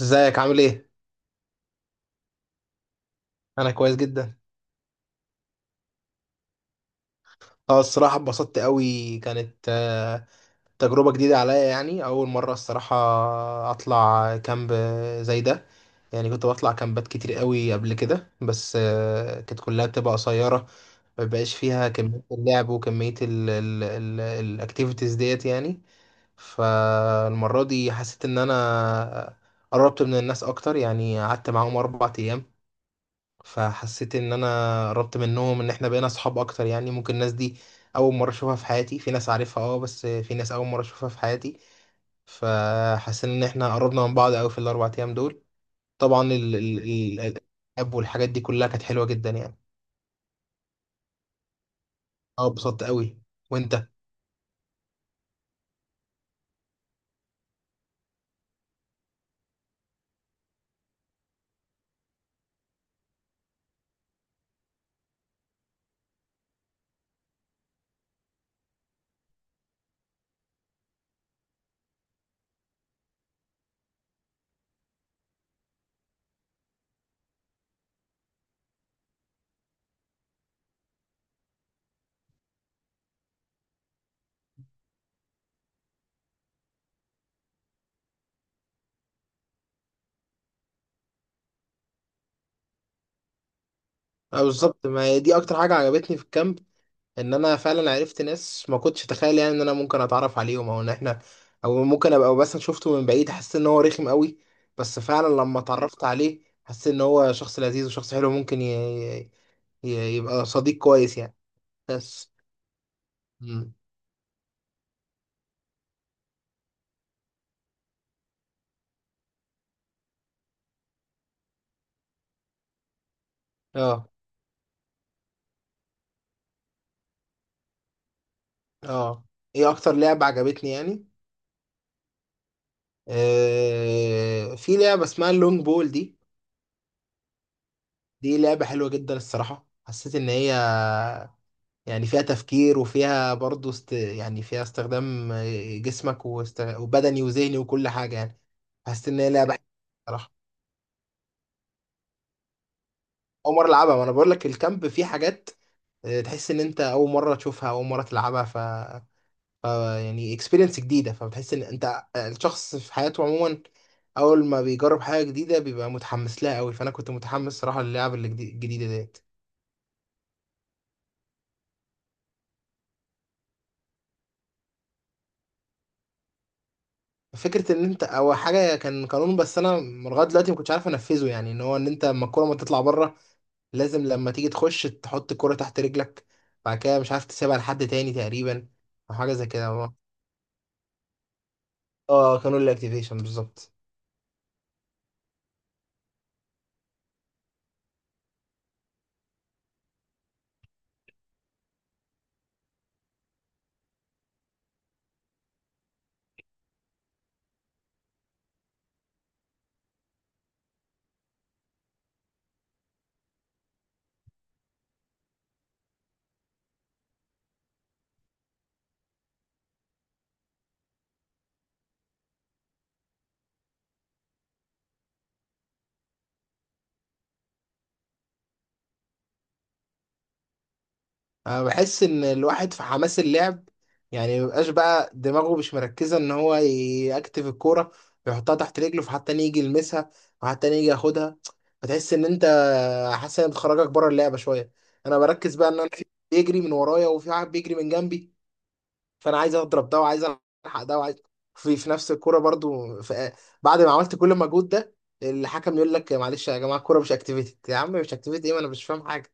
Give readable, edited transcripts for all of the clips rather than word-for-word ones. ازيك عامل ايه؟ انا كويس جدا. اه الصراحه اتبسطت قوي. كانت تجربه جديده عليا، يعني اول مره الصراحه اطلع كامب زي ده. يعني كنت بطلع كامبات كتير قوي قبل كده، بس كانت كلها بتبقى قصيره، ما بيبقاش فيها كميه اللعب وكميه الاكتيفيتيز ديت يعني. فالمره دي حسيت ان انا قربت من الناس اكتر، يعني قعدت معاهم 4 ايام، فحسيت ان انا قربت منهم، ان احنا بقينا اصحاب اكتر. يعني ممكن الناس دي اول مره اشوفها في حياتي، في ناس عارفها اه، بس في ناس اول مره اشوفها في حياتي. فحسيت ان احنا قربنا من بعض قوي في الـ4 ايام دول. طبعا ال ال ال الالعاب والحاجات دي كلها كانت حلوه جدا يعني. اه اتبسطت قوي. وانت؟ اه بالظبط، ما هي دي اكتر حاجه عجبتني في الكامب، ان انا فعلا عرفت ناس ما كنتش اتخيل يعني ان انا ممكن اتعرف عليهم، او ان احنا او ممكن ابقى بس شفته من بعيد حسيت ان هو رخم قوي، بس فعلا لما اتعرفت عليه حسيت ان هو شخص لذيذ وشخص حلو، ممكن ي... يبقى صديق كويس يعني. بس. مم. اه. اه. ايه اكتر لعبة عجبتني يعني؟ في لعبة اسمها اللونج بول دي. دي لعبة حلوة جدا الصراحة. حسيت ان هي يعني فيها تفكير، وفيها برضه يعني فيها استخدام جسمك وبدني وذهني وكل حاجة يعني. حسيت إن هي لعبة صراحة. أول مرة ألعبها. ما أنا بقول لك الكامب فيه حاجات تحس إن أنت أول مرة تشوفها، أول مرة تلعبها. ف... يعني اكسبيرينس جديدة، فبتحس إن أنت الشخص في حياته عموما أول ما بيجرب حاجة جديدة بيبقى متحمس لها أوي، فأنا كنت متحمس صراحة للعب الجديدة ديت. فكرة ان انت او حاجة كان قانون، بس انا لغاية دلوقتي ما كنتش عارف انفذه، يعني ان هو ان انت لما الكرة ما تطلع بره لازم لما تيجي تخش تحط الكرة تحت رجلك، بعد كده مش عارف تسيبها لحد تاني تقريبا، او حاجة زي كده. اه قانون الاكتيفيشن بالظبط. انا بحس ان الواحد في حماس اللعب يعني مبقاش بقى دماغه مش مركزه ان هو يكتف الكوره، يحطها تحت رجله، فحتى تاني يجي يلمسها وحتى تاني يجي ياخدها. فتحس ان انت حاسس ان بتخرجك بره اللعبه شويه. انا بركز بقى ان انا في بيجري من ورايا وفي واحد بيجري من جنبي، فانا عايز اضرب ده وعايز الحق ده وعايز في في نفس الكوره برضو، في بعد ما عملت كل المجهود ده الحكم يقول لك معلش يا جماعه الكوره مش اكتيفيتد. يا عم مش اكتيفيتد ايه، ما انا مش فاهم حاجه.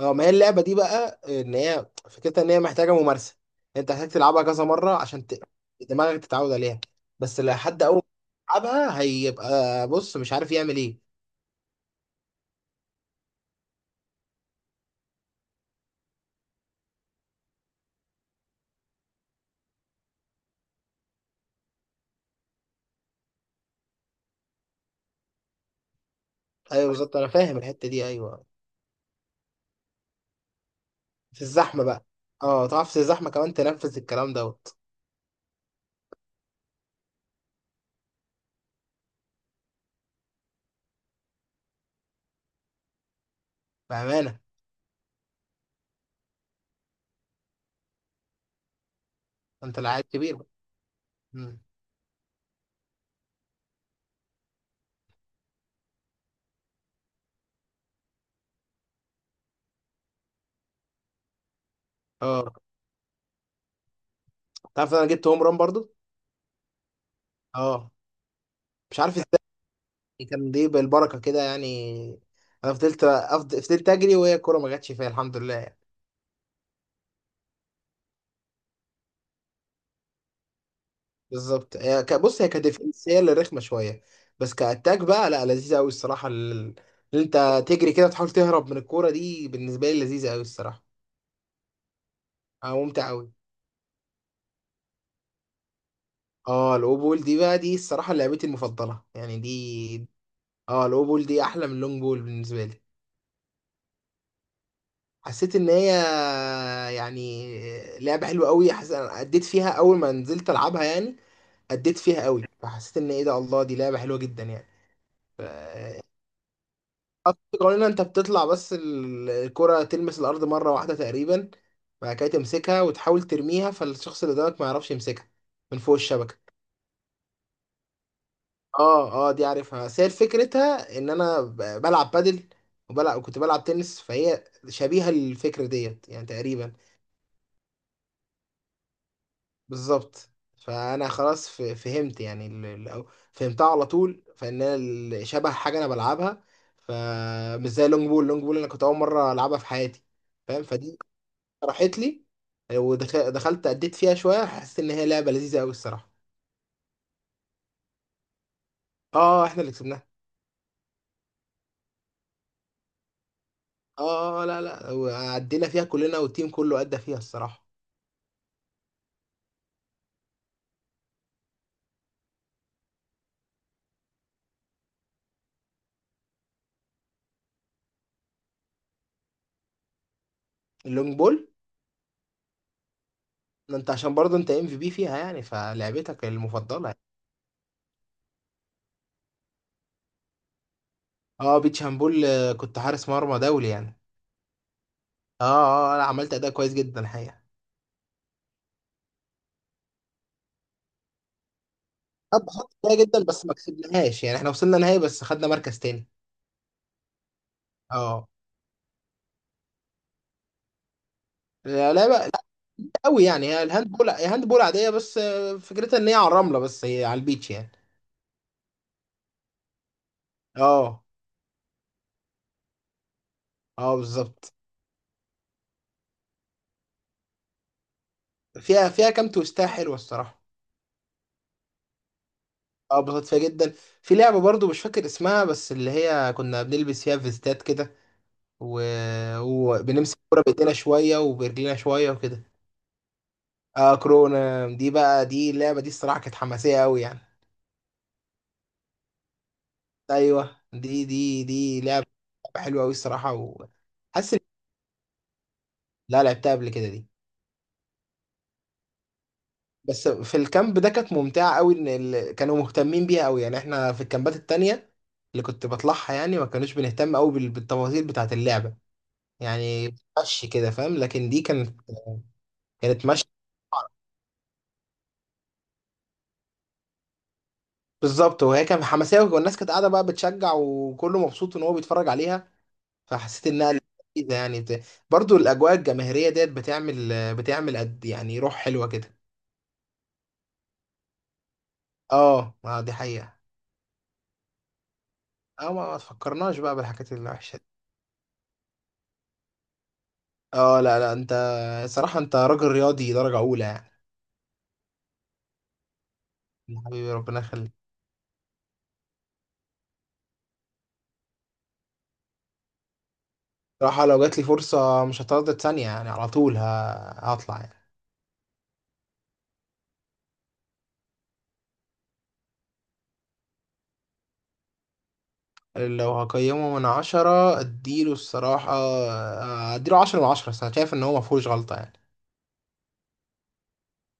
اه ما هي اللعبه دي بقى ان هي فكرتها ان هي محتاجه ممارسه، انت محتاج تلعبها كذا مره عشان دماغك تتعود عليها. بس لو حد اول ما يلعبها هيبقى بص مش عارف يعمل ايه. ايوه بالظبط انا فاهم الحته دي، ايوه. في الزحمه بقى، اه تعرف في الزحمه كمان تنفذ الكلام دوت. بامانه. انت لعيب كبير بقى. مم. اه، تعرف انا جبت هوم ران برضو. اه. مش عارف ازاي، يعني كان دي بالبركه كده يعني. انا فضلت اجري وهي الكوره ما جاتش فيها الحمد لله. بالظبط هي بص هي كديفنس هي اللي رخمه شويه، بس كاتاك بقى لا لذيذه قوي الصراحه. اللي انت تجري كده تحاول تهرب من الكوره دي بالنسبه لي لذيذه قوي الصراحه. اه ممتع قوي. اه الاوبول دي بقى دي الصراحه لعبتي المفضله يعني دي. اه الاوبول دي احلى من اللونج بول بالنسبه لي. حسيت ان هي يعني لعبه حلوه قوي، حسيت انا اديت فيها اول ما نزلت العبها يعني، اديت فيها قوي فحسيت ان ايه ده، الله دي لعبه حلوه جدا يعني. خط قوانينها انت بتطلع بس الكرة تلمس الارض مرة واحدة تقريبا، بعد كده تمسكها وتحاول ترميها فالشخص اللي قدامك ما يعرفش يمسكها من فوق الشبكة. اه اه دي عارفها، بس هي فكرتها ان انا بلعب بادل، وبلعب كنت بلعب تنس، فهي شبيهة للفكرة ديت يعني تقريبا. بالظبط. فانا خلاص فهمت يعني فهمتها على طول، فان انا شبه حاجة انا بلعبها. فمش زي اللونج بول، اللونج بول انا كنت اول مرة العبها في حياتي. فاهم. فدي راحت لي، ودخلت اديت فيها شويه، حسيت ان هي لعبه لذيذه قوي الصراحه. اه احنا اللي كسبناها. اه لا لا وعدينا فيها كلنا والتيم كله ادى فيها الصراحه. اللونج بول. ما انت عشان برضه انت ام في بي فيها يعني، فلعبتك المفضله يعني. اه بيتش هامبول كنت حارس مرمى دولي يعني. اه اه لا عملت اداء كويس جدا الحقيقه. خدت خط كويس جدا، بس ما كسبناهاش، يعني احنا وصلنا نهائي بس خدنا مركز تاني. اه. لا لا بقى، لا قوي يعني، هي الهاند بول هي هاند بول عاديه، بس فكرتها ان هي على الرمله بس هي على البيتش يعني. اه. اه بالظبط. فيها كام تويستاية حلوه الصراحه. اه اتبسطت فيها جدا. في لعبه برضو مش فاكر اسمها، بس اللي هي كنا بنلبس فيها فيستات كده و... وبنمسك الكوره بايدينا شويه وبرجلينا شويه وكده. اه كورونا دي بقى، دي اللعبه دي الصراحه كانت حماسيه قوي يعني. ايوه دي لعبه حلوه قوي الصراحه، وحاسس لا لعبتها قبل كده دي، بس في الكامب ده كانت ممتعة قوي، ان ال... كانوا مهتمين بيها قوي يعني. احنا في الكامبات التانية اللي كنت بطلعها يعني ما كانوش بنهتم قوي بالتفاصيل بتاعة اللعبة يعني. مشي كده فاهم، لكن دي كانت مشي. بالظبط، وهي كانت حماسية والناس كانت قاعدة بقى بتشجع وكله مبسوط ان هو بيتفرج عليها، فحسيت انها لذيذة يعني برضو الاجواء الجماهيرية ديت بتعمل قد يعني روح حلوة كده. اه ما دي حقيقة. اه ما تفكرناش بقى بالحاجات الوحشة. اه لا لا انت صراحة انت راجل رياضي درجة أولى يعني. حبيبي ربنا يخليك. صراحة لو جات لي فرصة مش هتردد ثانية يعني، على طول هطلع. يعني لو هقيمه من 10 اديله الصراحة، اديله 10 من 10. أنا شايف ان هو مفهوش غلطة يعني.